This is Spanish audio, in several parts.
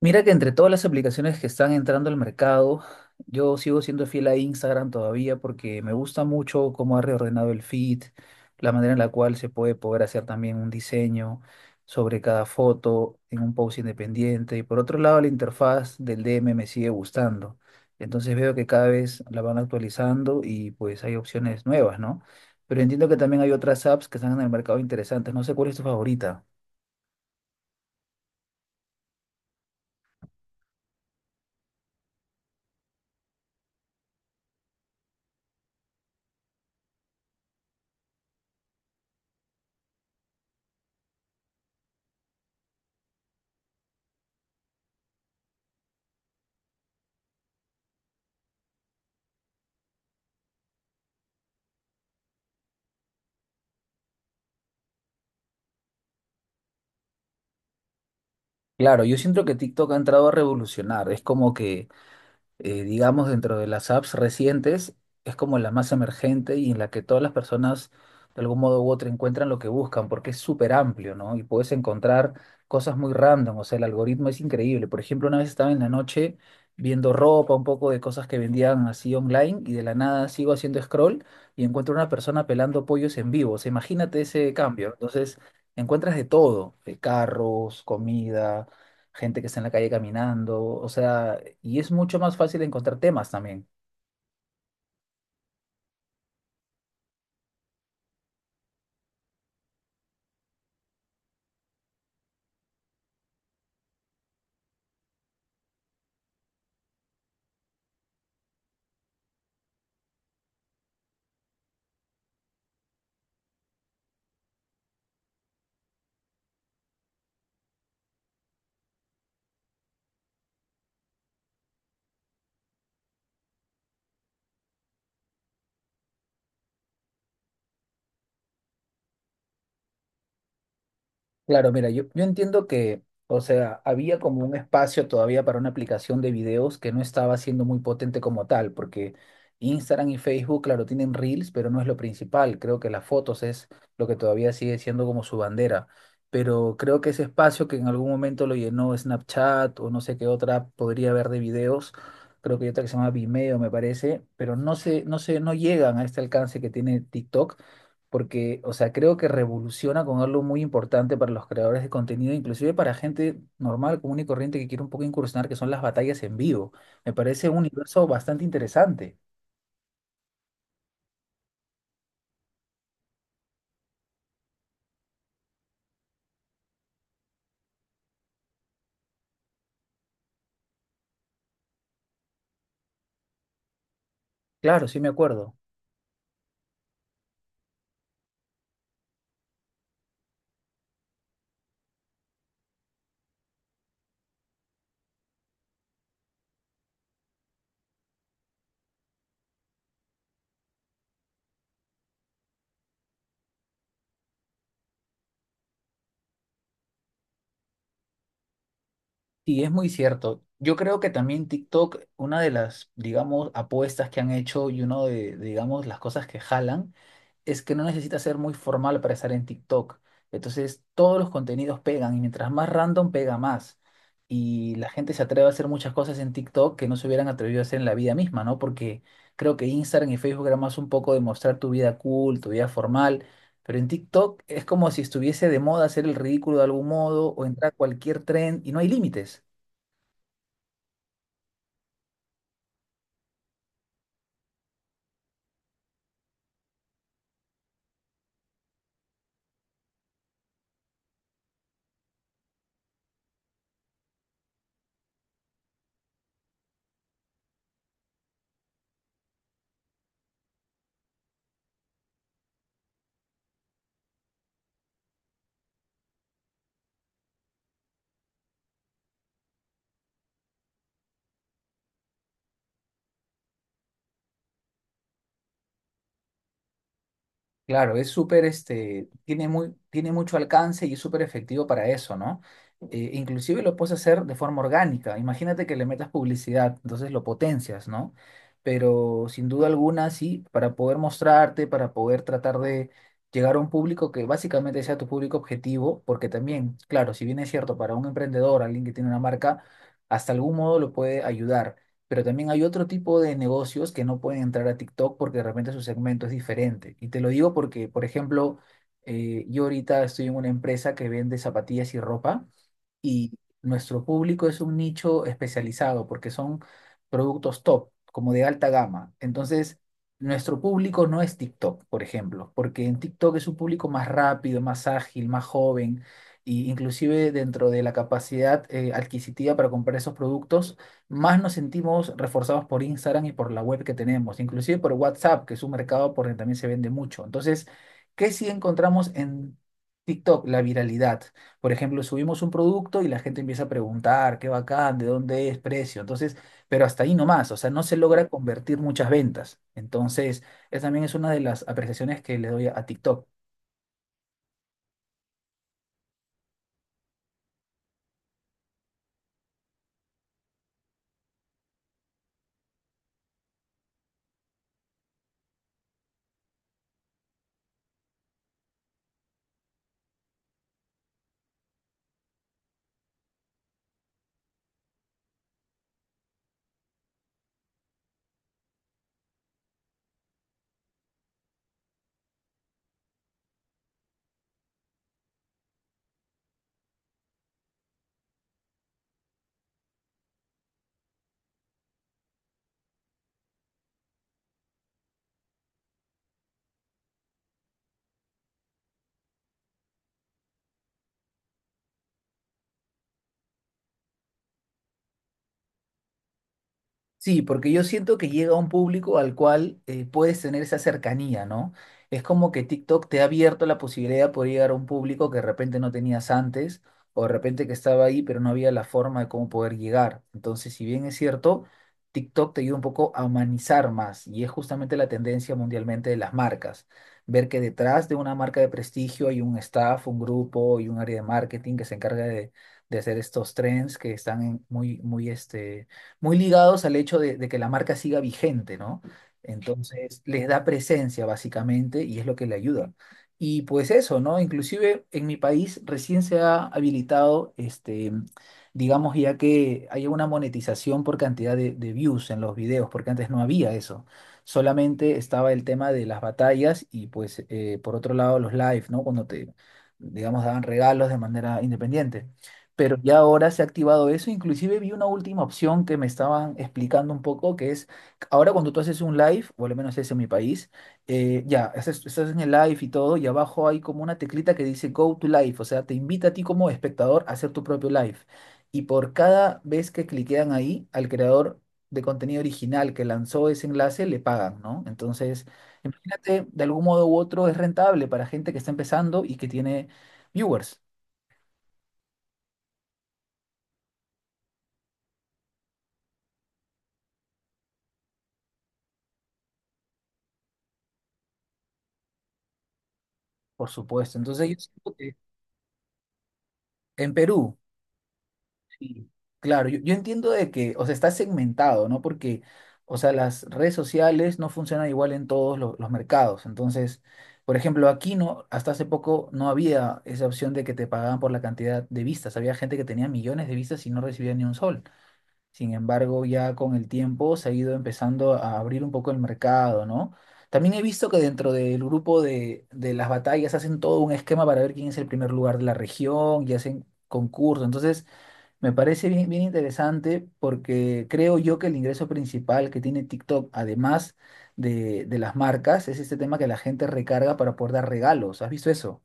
Mira que entre todas las aplicaciones que están entrando al mercado, yo sigo siendo fiel a Instagram todavía porque me gusta mucho cómo ha reordenado el feed, la manera en la cual se puede poder hacer también un diseño sobre cada foto en un post independiente. Y por otro lado, la interfaz del DM me sigue gustando. Entonces veo que cada vez la van actualizando y pues hay opciones nuevas, ¿no? Pero entiendo que también hay otras apps que están en el mercado interesantes. No sé cuál es tu favorita. Claro, yo siento que TikTok ha entrado a revolucionar. Es como que digamos, dentro de las apps recientes, es como la más emergente y en la que todas las personas, de algún modo u otro, encuentran lo que buscan, porque es súper amplio, ¿no? Y puedes encontrar cosas muy random, o sea, el algoritmo es increíble. Por ejemplo, una vez estaba en la noche viendo ropa, un poco de cosas que vendían así online, y de la nada sigo haciendo scroll y encuentro una persona pelando pollos en vivo. O sea, imagínate ese cambio. Entonces, encuentras de todo, carros, comida, gente que está en la calle caminando, o sea, y es mucho más fácil encontrar temas también. Claro, mira, yo entiendo que, o sea, había como un espacio todavía para una aplicación de videos que no estaba siendo muy potente como tal, porque Instagram y Facebook, claro, tienen Reels, pero no es lo principal. Creo que las fotos es lo que todavía sigue siendo como su bandera. Pero creo que ese espacio que en algún momento lo llenó Snapchat o no sé qué otra app podría haber de videos, creo que hay otra que se llama Vimeo, me parece, pero no sé, no llegan a este alcance que tiene TikTok porque, o sea, creo que revoluciona con algo muy importante para los creadores de contenido, inclusive para gente normal, común y corriente que quiere un poco incursionar, que son las batallas en vivo. Me parece un universo bastante interesante. Claro, sí me acuerdo. Sí, es muy cierto. Yo creo que también TikTok, una de las, digamos, apuestas que han hecho y uno de, digamos, las cosas que jalan es que no necesita ser muy formal para estar en TikTok. Entonces, todos los contenidos pegan y mientras más random pega más. Y la gente se atreve a hacer muchas cosas en TikTok que no se hubieran atrevido a hacer en la vida misma, ¿no? Porque creo que Instagram y Facebook era más un poco de mostrar tu vida cool, tu vida formal, pero en TikTok es como si estuviese de moda hacer el ridículo de algún modo o entrar a cualquier tren y no hay límites. Claro, es súper, tiene mucho alcance y es súper efectivo para eso, ¿no? Inclusive lo puedes hacer de forma orgánica. Imagínate que le metas publicidad, entonces lo potencias, ¿no? Pero sin duda alguna, sí, para poder mostrarte, para poder tratar de llegar a un público que básicamente sea tu público objetivo, porque también, claro, si bien es cierto para un emprendedor, alguien que tiene una marca, hasta algún modo lo puede ayudar. Pero también hay otro tipo de negocios que no pueden entrar a TikTok porque de repente su segmento es diferente. Y te lo digo porque, por ejemplo, yo ahorita estoy en una empresa que vende zapatillas y ropa y nuestro público es un nicho especializado porque son productos top, como de alta gama. Entonces, nuestro público no es TikTok, por ejemplo, porque en TikTok es un público más rápido, más ágil, más joven, e inclusive dentro de la capacidad adquisitiva para comprar esos productos, más nos sentimos reforzados por Instagram y por la web que tenemos, inclusive por WhatsApp, que es un mercado por donde también se vende mucho. Entonces, ¿qué sí encontramos en TikTok? La viralidad. Por ejemplo, subimos un producto y la gente empieza a preguntar, qué bacán, de dónde es, precio. Entonces, pero hasta ahí nomás, o sea, no se logra convertir muchas ventas. Entonces, esa también es una de las apreciaciones que le doy a TikTok. Sí, porque yo siento que llega a un público al cual puedes tener esa cercanía, ¿no? Es como que TikTok te ha abierto la posibilidad de poder llegar a un público que de repente no tenías antes, o de repente que estaba ahí, pero no había la forma de cómo poder llegar. Entonces, si bien es cierto, TikTok te ayuda un poco a humanizar más, y es justamente la tendencia mundialmente de las marcas. Ver que detrás de una marca de prestigio hay un staff, un grupo y un área de marketing que se encarga de hacer estos trends que están muy, muy, muy ligados al hecho de que la marca siga vigente, ¿no? Entonces, les da presencia básicamente y es lo que le ayuda. Y pues eso, ¿no? Inclusive en mi país recién se ha habilitado, digamos, ya que hay una monetización por cantidad de views en los videos, porque antes no había eso. Solamente estaba el tema de las batallas y pues por otro lado los live, ¿no? Cuando te, digamos, daban regalos de manera independiente, pero ya ahora se ha activado eso. Inclusive vi una última opción que me estaban explicando un poco, que es ahora cuando tú haces un live, o al menos es en mi país, ya, estás en el live y todo, y abajo hay como una teclita que dice Go to Live, o sea, te invita a ti como espectador a hacer tu propio live. Y por cada vez que cliquean ahí, al creador de contenido original que lanzó ese enlace, le pagan, ¿no? Entonces, imagínate, de algún modo u otro es rentable para gente que está empezando y que tiene viewers. Por supuesto. Entonces, yo siento que en Perú, sí, claro, yo entiendo de que, o sea, está segmentado, ¿no? Porque, o sea, las redes sociales no funcionan igual en todos los mercados. Entonces, por ejemplo, aquí no, hasta hace poco no había esa opción de que te pagaban por la cantidad de vistas. Había gente que tenía millones de vistas y no recibía ni un sol. Sin embargo, ya con el tiempo se ha ido empezando a abrir un poco el mercado, ¿no? También he visto que dentro del grupo de las batallas hacen todo un esquema para ver quién es el primer lugar de la región y hacen concursos. Entonces, me parece bien, bien interesante porque creo yo que el ingreso principal que tiene TikTok, además de las marcas, es este tema que la gente recarga para poder dar regalos. ¿Has visto eso?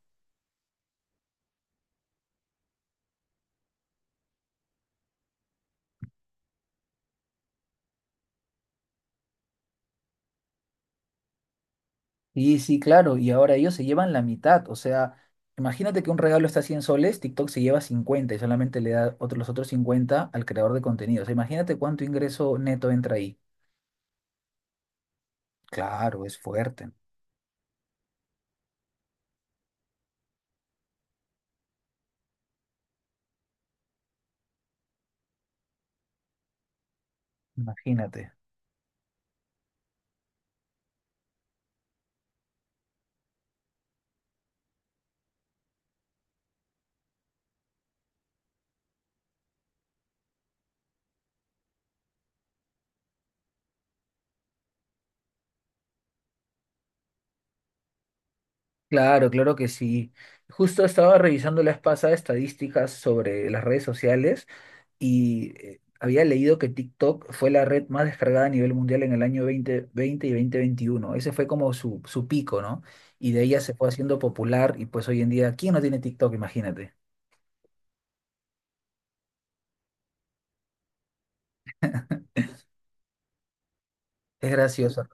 Y sí, claro, y ahora ellos se llevan la mitad. O sea, imagínate que un regalo está a 100 soles, TikTok se lleva 50 y solamente le da los otros 50 al creador de contenido. O sea, imagínate cuánto ingreso neto entra ahí. Claro, es fuerte. Imagínate. Claro, claro que sí. Justo estaba revisando la vez pasada estadísticas sobre las redes sociales y había leído que TikTok fue la red más descargada a nivel mundial en el año 2020 y 2021. Ese fue como su pico, ¿no? Y de ella se fue haciendo popular y pues hoy en día, ¿quién no tiene TikTok? Imagínate. Es gracioso.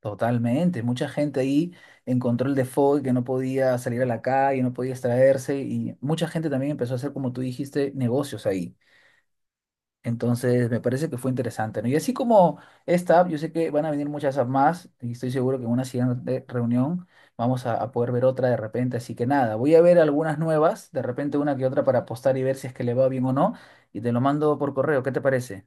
Totalmente. Mucha gente ahí encontró el default que no podía salir a la calle, no podía extraerse y mucha gente también empezó a hacer, como tú dijiste, negocios ahí. Entonces, me parece que fue interesante, ¿no? Y así como esta app, yo sé que van a venir muchas apps más y estoy seguro que en una siguiente reunión vamos a poder ver otra de repente. Así que nada, voy a ver algunas nuevas, de repente una que otra para postar y ver si es que le va bien o no. Y te lo mando por correo, ¿qué te parece?